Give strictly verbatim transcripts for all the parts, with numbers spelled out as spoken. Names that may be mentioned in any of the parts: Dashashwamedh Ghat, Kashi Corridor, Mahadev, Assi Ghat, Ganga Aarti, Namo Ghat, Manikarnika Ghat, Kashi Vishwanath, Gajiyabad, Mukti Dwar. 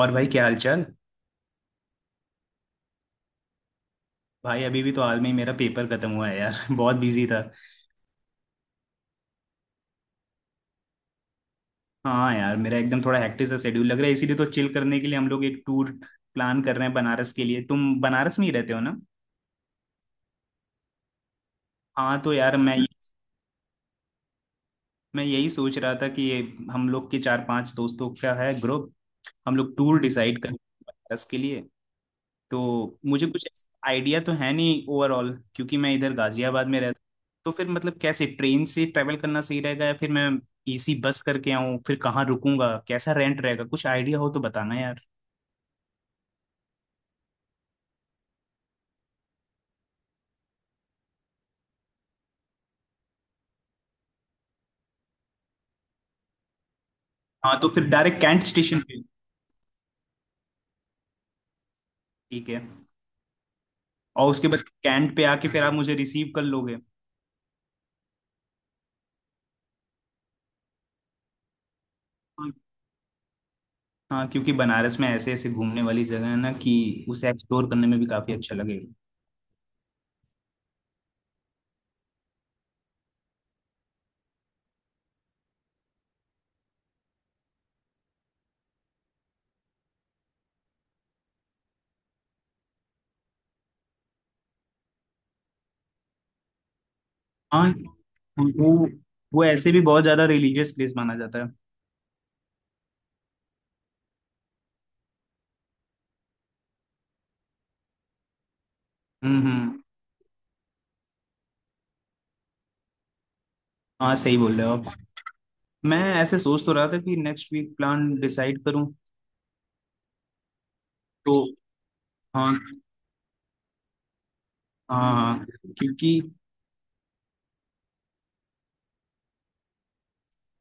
और भाई क्या हाल चाल। भाई अभी भी तो हाल में ही मेरा पेपर खत्म हुआ है यार। बहुत बिजी था। हाँ यार, मेरा एकदम थोड़ा हेक्टिक सा शेड्यूल लग रहा है, इसीलिए तो चिल करने के लिए हम लोग एक टूर प्लान कर रहे हैं बनारस के लिए। तुम बनारस में ही रहते हो ना? हाँ तो यार, मैं ये मैं यही सोच रहा था कि ये हम लोग के चार पांच दोस्तों का है ग्रुप। हम लोग टूर डिसाइड कर बनारस के लिए। तो मुझे कुछ आइडिया तो है नहीं ओवरऑल, क्योंकि मैं इधर गाजियाबाद में रहता हूँ। तो फिर मतलब कैसे ट्रेन से ट्रैवल करना सही रहेगा, या फिर मैं एसी बस करके आऊँ, फिर कहाँ रुकूंगा, कैसा रेंट रहेगा, कुछ आइडिया हो तो बताना यार। हाँ तो फिर डायरेक्ट कैंट स्टेशन पे। ठीक है। और उसके बाद कैंट पे आके फिर आप मुझे रिसीव कर लोगे। हाँ, क्योंकि बनारस में ऐसे ऐसे घूमने वाली जगह है ना कि उसे एक्सप्लोर करने में भी काफी अच्छा लगेगा। हाँ। वो वो ऐसे भी बहुत ज्यादा रिलीजियस प्लेस माना जाता है। हम्म हम्म। हाँ सही बोल रहे हो आप। मैं ऐसे सोच तो रहा था कि नेक्स्ट वीक प्लान डिसाइड करूँ तो। हाँ हाँ हाँ। क्योंकि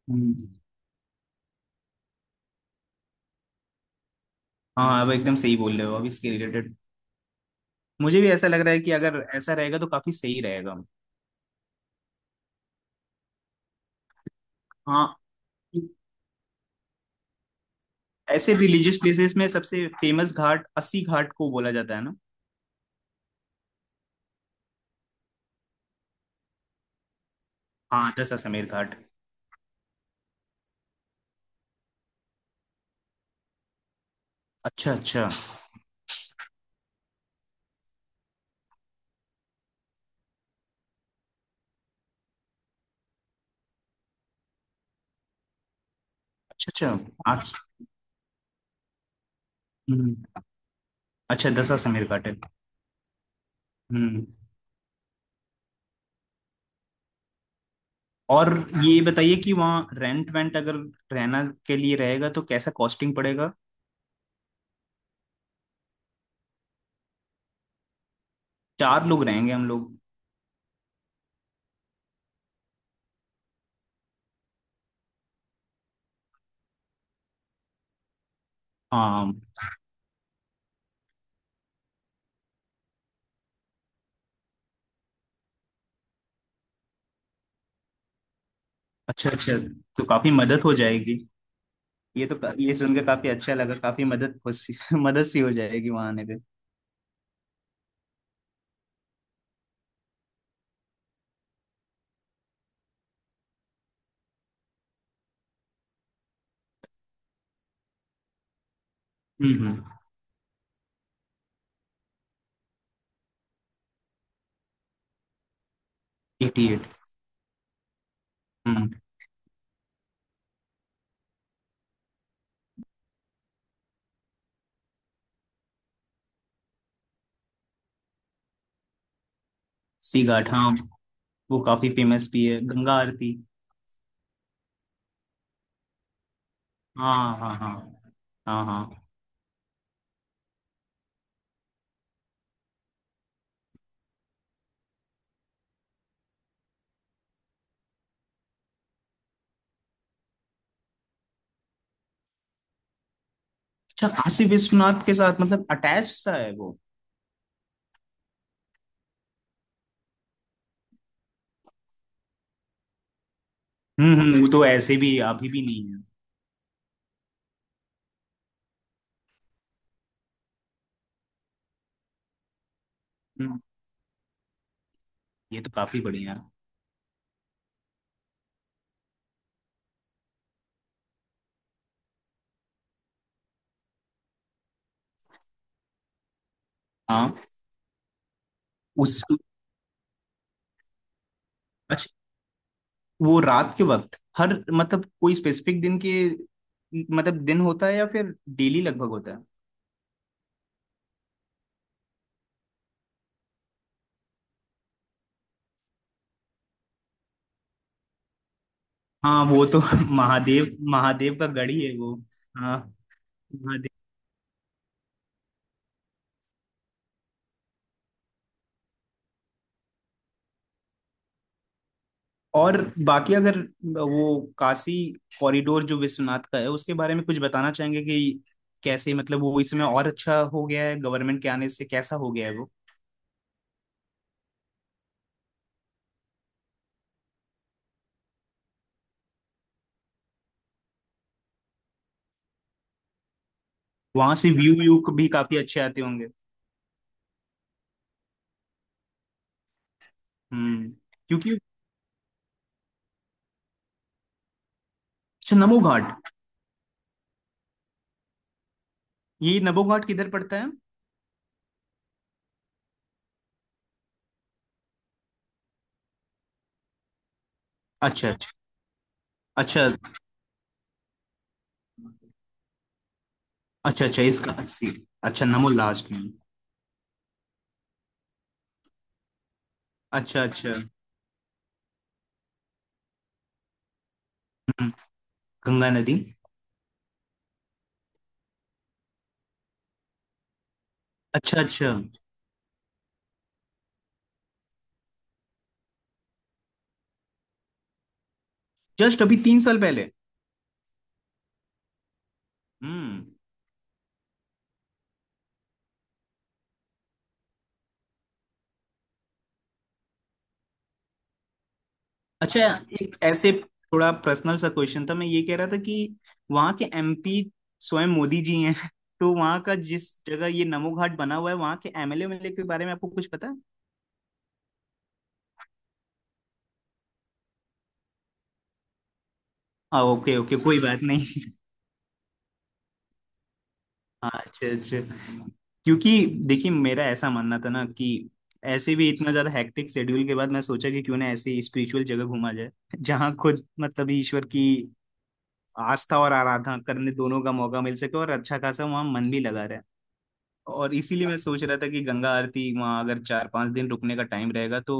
हम्म, हाँ अब एकदम सही बोल रहे हो। अब इसके रिलेटेड मुझे भी ऐसा लग रहा है कि अगर ऐसा रहेगा तो काफी सही रहेगा। हाँ। ऐसे रिलीजियस प्लेसेस में सबसे फेमस घाट अस्सी घाट को बोला जाता है ना? हाँ दशाश्वमेध घाट। अच्छा अच्छा। अच्छा अच्छा। आज। हम्म। अच्छा दसा समीर घाट है। हम्म। और ये बताइए कि वहाँ रेंट वेंट अगर रहना के लिए रहेगा तो कैसा कॉस्टिंग पड़ेगा। चार लोग रहेंगे हम लोग। हाँ। अच्छा अच्छा, तो काफी मदद हो जाएगी। ये तो का- ये सुनकर काफी अच्छा लगा, काफी मदद हो सी, मदद सी हो जाएगी वहाँ आने पे। हम्म हम्म। एटी एट। हम्म। सी घाट, हाँ वो काफी फेमस भी है गंगा आरती। हाँ हाँ। हाँ हाँ। हाँ। अच्छा, काशी विश्वनाथ के साथ मतलब अटैच सा है वो। हम्म हम्म, वो तो ऐसे भी अभी भी नहीं है। हम्म, ये तो काफी बढ़िया है। हाँ। उस। अच्छा, वो रात के वक्त हर मतलब कोई स्पेसिफिक दिन के मतलब दिन होता है या फिर डेली लगभग होता है? हाँ वो तो महादेव महादेव का गढ़ ही है वो। हाँ। महादेव। और बाकी अगर वो काशी कॉरिडोर जो विश्वनाथ का है उसके बारे में कुछ बताना चाहेंगे कि कैसे मतलब वो इस समय और अच्छा हो गया है, गवर्नमेंट के आने से कैसा हो गया है वो। वहां से व्यू व्यू भी काफी अच्छे आते होंगे। हम्म। क्योंकि। अच्छा नमो घाट। ये नमो घाट किधर पड़ता है? अच्छा अच्छा। अच्छा अच्छा। अच्छा इसका अस्सी। अच्छा नमो लास्ट में। अच्छा अच्छा। हम्म, गंगा नदी। अच्छा अच्छा। जस्ट अभी तीन साल पहले। हम्म। अच्छा। एक ऐसे थोड़ा पर्सनल सा क्वेश्चन था, मैं ये कह रहा था कि वहाँ के एमपी स्वयं मोदी जी हैं। तो वहाँ का जिस जगह ये नमो घाट बना हुआ है वहाँ के एमएलए एमएलए के बारे में आपको कुछ पता है? ओके ओके कोई बात नहीं। हाँ अच्छे अच्छे। क्योंकि देखिए मेरा ऐसा मानना था ना कि ऐसे भी इतना ज्यादा हेक्टिक शेड्यूल के बाद मैं सोचा कि क्यों ना ऐसी स्पिरिचुअल जगह घूमा जाए जहाँ खुद मतलब ईश्वर की आस्था और आराधना करने दोनों का मौका मिल सके और अच्छा खासा वहाँ मन भी लगा रहे। और इसीलिए मैं सोच रहा था कि गंगा आरती वहाँ अगर चार पांच दिन रुकने का टाइम रहेगा तो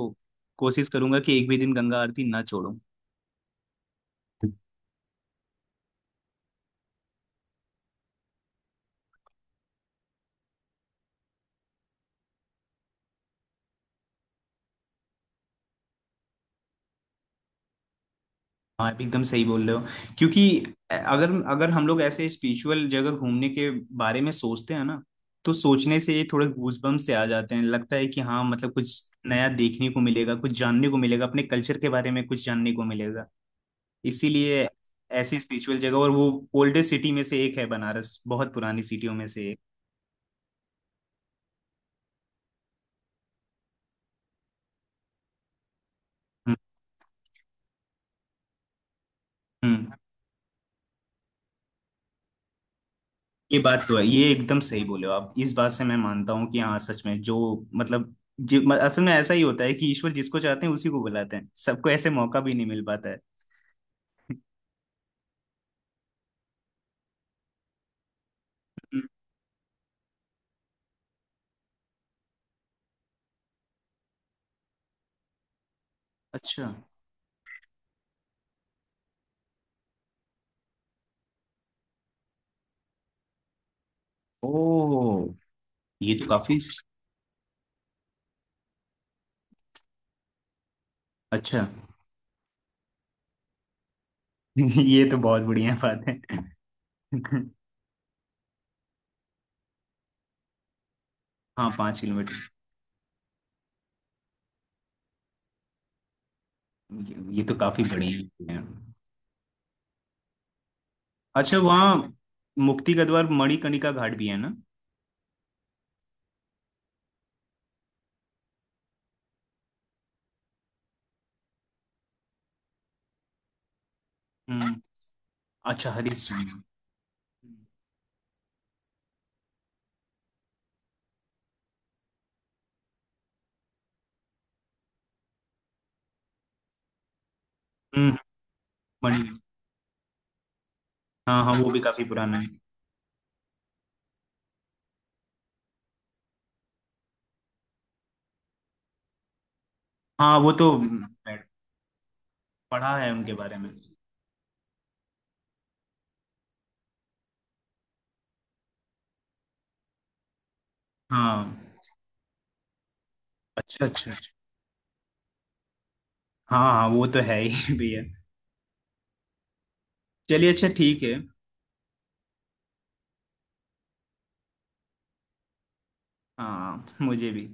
कोशिश करूंगा कि एक भी दिन गंगा आरती ना छोड़ूं। हाँ आप एकदम सही बोल रहे हो, क्योंकि अगर अगर हम लोग ऐसे स्पिरिचुअल जगह घूमने के बारे में सोचते हैं ना तो सोचने से ये थोड़े गूजबम्प से आ जाते हैं, लगता है कि हाँ मतलब कुछ नया देखने को मिलेगा, कुछ जानने को मिलेगा, अपने कल्चर के बारे में कुछ जानने को मिलेगा। इसीलिए ऐसी स्पिरिचुअल जगह, और वो ओल्डेस्ट सिटी में से एक है बनारस, बहुत पुरानी सिटियों में से एक। हम्म हम्म। ये बात तो है, ये एकदम सही बोले हो आप, इस बात से मैं मानता हूँ कि हाँ सच में जो मतलब जि- म- असल में ऐसा ही होता है कि ईश्वर जिसको चाहते हैं उसी को बुलाते हैं, सबको ऐसे मौका भी नहीं मिल पाता है। हम्म। अच्छा। ओ ये तो काफी अच्छा। ये तो बहुत बढ़िया बात है। हाँ पाँच किलोमीटर, ये ये तो काफी बढ़िया है। अच्छा वहाँ मुक्ति गद्वार मणिकर्णिका घाट भी है ना? हम्म। अच्छा हरीश। हम्म। मणि। हाँ हाँ वो भी काफी पुराना है। हाँ वो तो पढ़ा है उनके बारे में। हाँ अच्छा अच्छा अच्छा। हाँ हाँ वो तो है ही भैया। चलिए अच्छा ठीक है। हाँ मुझे भी।